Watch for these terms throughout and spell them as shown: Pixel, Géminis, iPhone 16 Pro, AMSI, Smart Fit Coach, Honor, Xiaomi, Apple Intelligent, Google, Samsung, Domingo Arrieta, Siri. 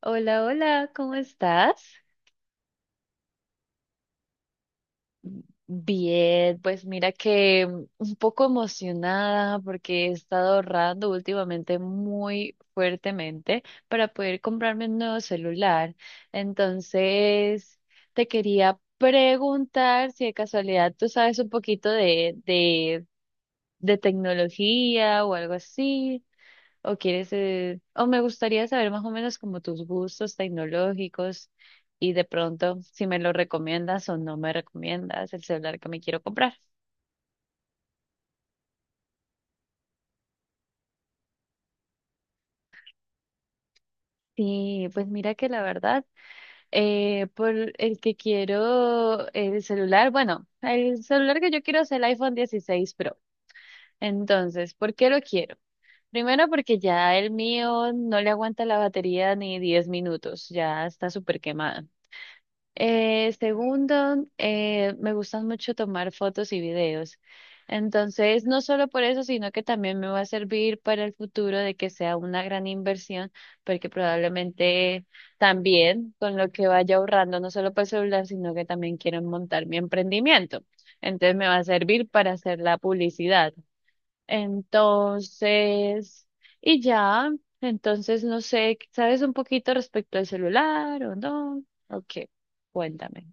Hola, hola, ¿cómo estás? Bien, pues mira que un poco emocionada porque he estado ahorrando últimamente muy fuertemente para poder comprarme un nuevo celular. Entonces, te quería preguntar si de casualidad tú sabes un poquito de tecnología o algo así. O quieres, o me gustaría saber más o menos como tus gustos tecnológicos y de pronto si me lo recomiendas o no me recomiendas el celular que me quiero comprar. Sí, pues mira que la verdad, por el que quiero el celular, bueno, el celular que yo quiero es el iPhone 16 Pro. Entonces, ¿por qué lo quiero? Primero porque ya el mío no le aguanta la batería ni 10 minutos, ya está súper quemado. Segundo, me gustan mucho tomar fotos y videos. Entonces, no solo por eso, sino que también me va a servir para el futuro de que sea una gran inversión, porque probablemente también con lo que vaya ahorrando, no solo para el celular, sino que también quiero montar mi emprendimiento. Entonces, me va a servir para hacer la publicidad. Entonces, y ya, entonces no sé, ¿sabes un poquito respecto al celular o no? Ok, cuéntame.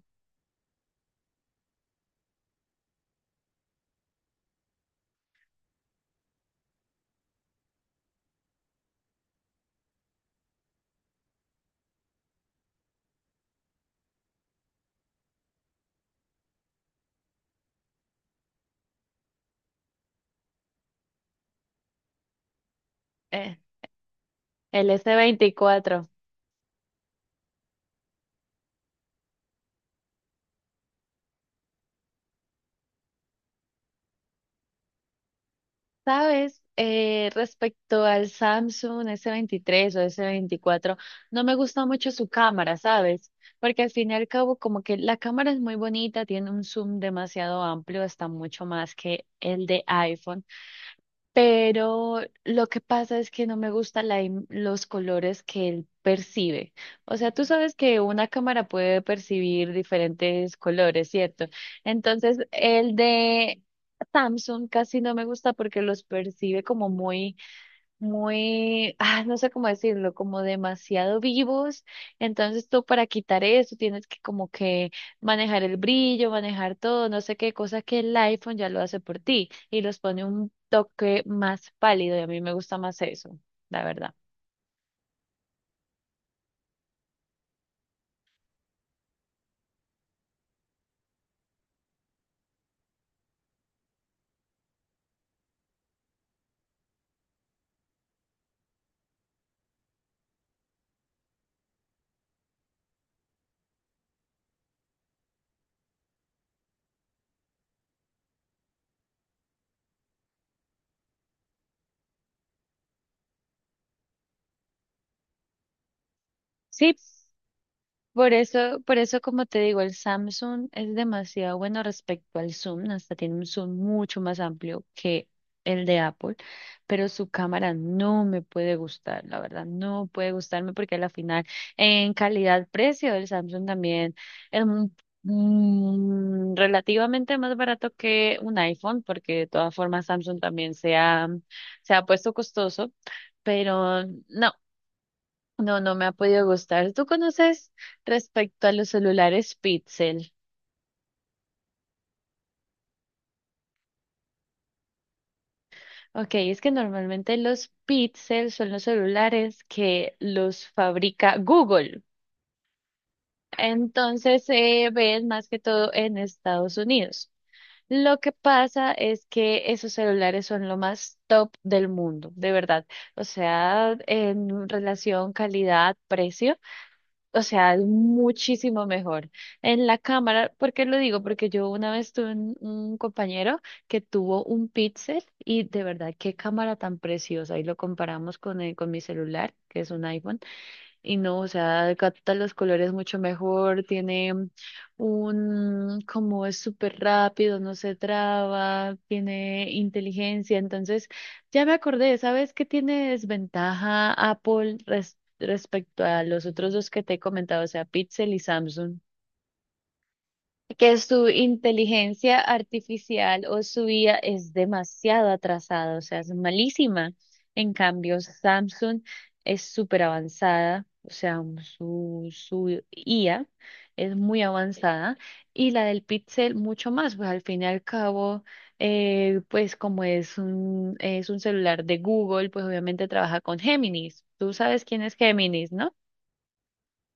Eh, el S24. ¿Sabes? Respecto al Samsung S23 o S24, no me gusta mucho su cámara, ¿sabes? Porque al fin y al cabo, como que la cámara es muy bonita, tiene un zoom demasiado amplio, hasta mucho más que el de iPhone. Pero lo que pasa es que no me gustan los colores que él percibe. O sea, tú sabes que una cámara puede percibir diferentes colores, ¿cierto? Entonces, el de Samsung casi no me gusta porque los percibe como muy muy, no sé cómo decirlo, como demasiado vivos. Entonces tú para quitar eso tienes que como que manejar el brillo, manejar todo, no sé qué cosa que el iPhone ya lo hace por ti y los pone un toque más pálido y a mí me gusta más eso, la verdad. Sí. Por eso, como te digo, el Samsung es demasiado bueno respecto al zoom, hasta tiene un zoom mucho más amplio que el de Apple, pero su cámara no me puede gustar, la verdad, no puede gustarme porque a la final en calidad-precio el Samsung también es relativamente más barato que un iPhone, porque de todas formas Samsung también se ha puesto costoso, pero no. No, no me ha podido gustar. ¿Tú conoces respecto a los celulares Pixel? Ok, es que normalmente los Pixel son los celulares que los fabrica Google. Entonces se ven más que todo en Estados Unidos. Lo que pasa es que esos celulares son lo más top del mundo, de verdad. O sea, en relación calidad-precio. O sea, es muchísimo mejor. En la cámara, ¿por qué lo digo? Porque yo una vez tuve un compañero que tuvo un Pixel y de verdad, qué cámara tan preciosa. Y lo comparamos con mi celular, que es un iPhone. Y no, o sea, capta los colores mucho mejor, tiene como es súper rápido, no se traba, tiene inteligencia. Entonces, ya me acordé, ¿sabes qué tiene desventaja Apple respecto a los otros dos que te he comentado, o sea, Pixel y Samsung? Que su inteligencia artificial o su IA es demasiado atrasada, o sea, es malísima. En cambio, Samsung es súper avanzada, o sea, su IA es muy avanzada y la del Pixel mucho más, pues al fin y al cabo, pues como es un celular de Google, pues obviamente trabaja con Géminis. Tú sabes quién es Géminis, ¿no?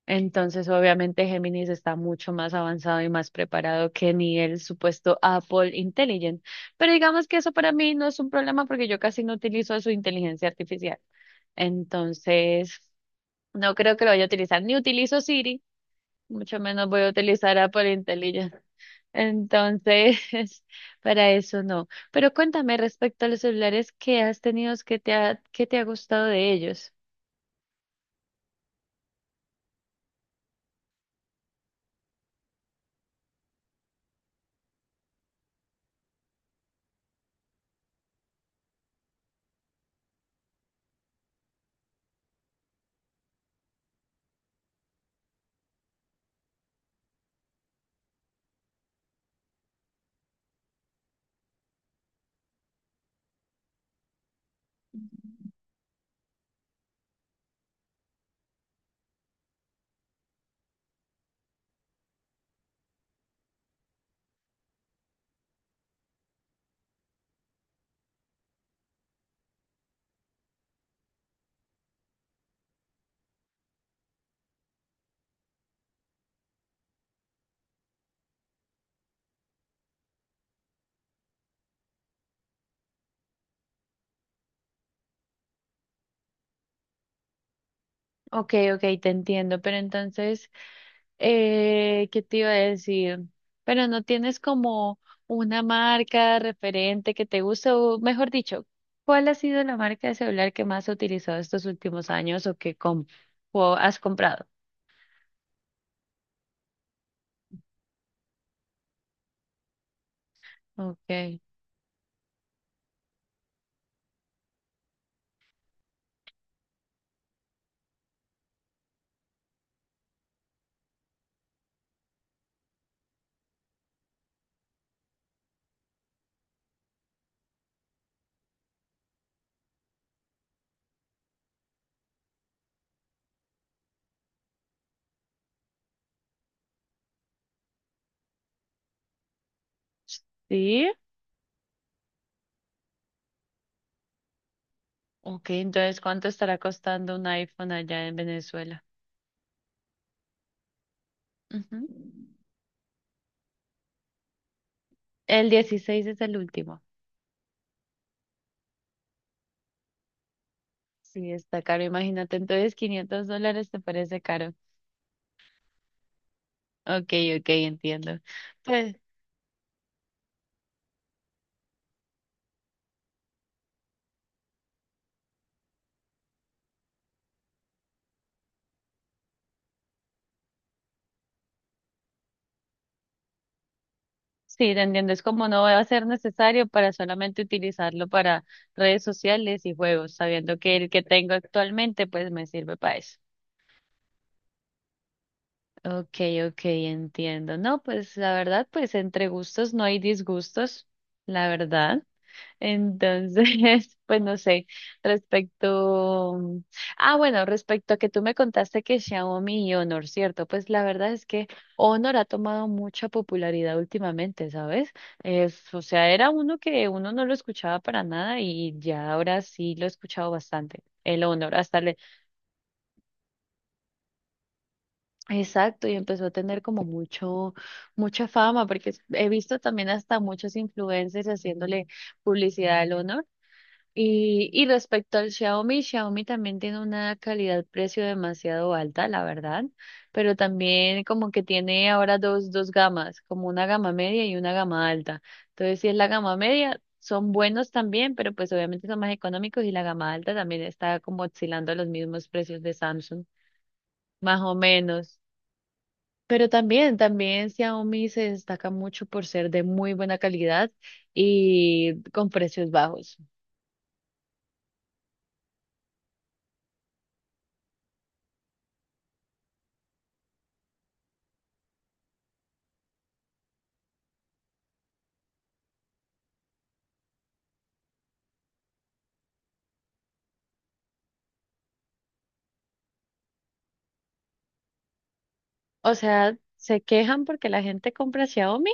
Entonces, obviamente, Géminis está mucho más avanzado y más preparado que ni el supuesto Apple Intelligent. Pero digamos que eso para mí no es un problema porque yo casi no utilizo su inteligencia artificial. Entonces, no creo que lo vaya a utilizar. Ni utilizo Siri, mucho menos voy a utilizar Apple Intelligent. Entonces, para eso no. Pero cuéntame respecto a los celulares que has tenido, qué te ha gustado de ellos? Ok, ok, te entiendo, pero entonces. ¿Qué te iba a decir? Pero no tienes como una marca referente que te guste, o mejor dicho, ¿cuál ha sido la marca de celular que más has utilizado estos últimos años o que o has comprado? Okay. ¿Sí? Ok, entonces, ¿cuánto estará costando un iPhone allá en Venezuela? Ujú. El 16 es el último. Sí, está caro, imagínate. Entonces, $500 te parece caro. Ok, ok, entiendo. Pues. Sí, te entiendo. Es como no va a ser necesario para solamente utilizarlo para redes sociales y juegos, sabiendo que el que tengo actualmente pues me sirve para eso. Ok, ok, entiendo. No, pues la verdad, pues entre gustos no hay disgustos, la verdad. Entonces, pues no sé, respecto, ah, bueno, respecto a que tú me contaste que Xiaomi y Honor, ¿cierto? Pues la verdad es que Honor ha tomado mucha popularidad últimamente, ¿sabes? Es, o sea, era uno que uno no lo escuchaba para nada y ya ahora sí lo he escuchado bastante. El Honor, hasta le... Exacto, y empezó a tener como mucha fama, porque he visto también hasta muchos influencers haciéndole publicidad al Honor. Y respecto al Xiaomi, Xiaomi también tiene una calidad-precio demasiado alta, la verdad, pero también como que tiene ahora dos gamas, como una gama media y una gama alta. Entonces, si es la gama media, son buenos también, pero pues obviamente son más económicos y la gama alta también está como oscilando a los mismos precios de Samsung, más o menos. Pero también, también Xiaomi se destaca mucho por ser de muy buena calidad y con precios bajos. O sea, se quejan porque la gente compra Xiaomi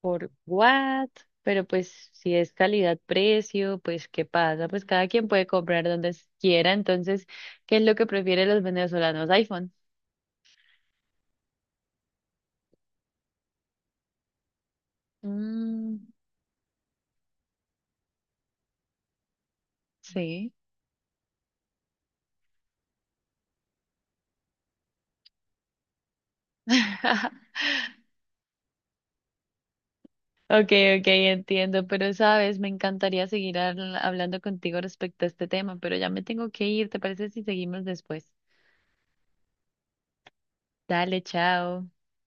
por what, pero pues si es calidad-precio, pues ¿qué pasa? Pues cada quien puede comprar donde quiera, entonces, ¿qué es lo que prefieren los venezolanos? iPhone. Mm, sí. Okay, okay, entiendo, pero sabes, me encantaría seguir hablando contigo respecto a este tema, pero ya me tengo que ir, ¿te parece si seguimos después? Dale, chao.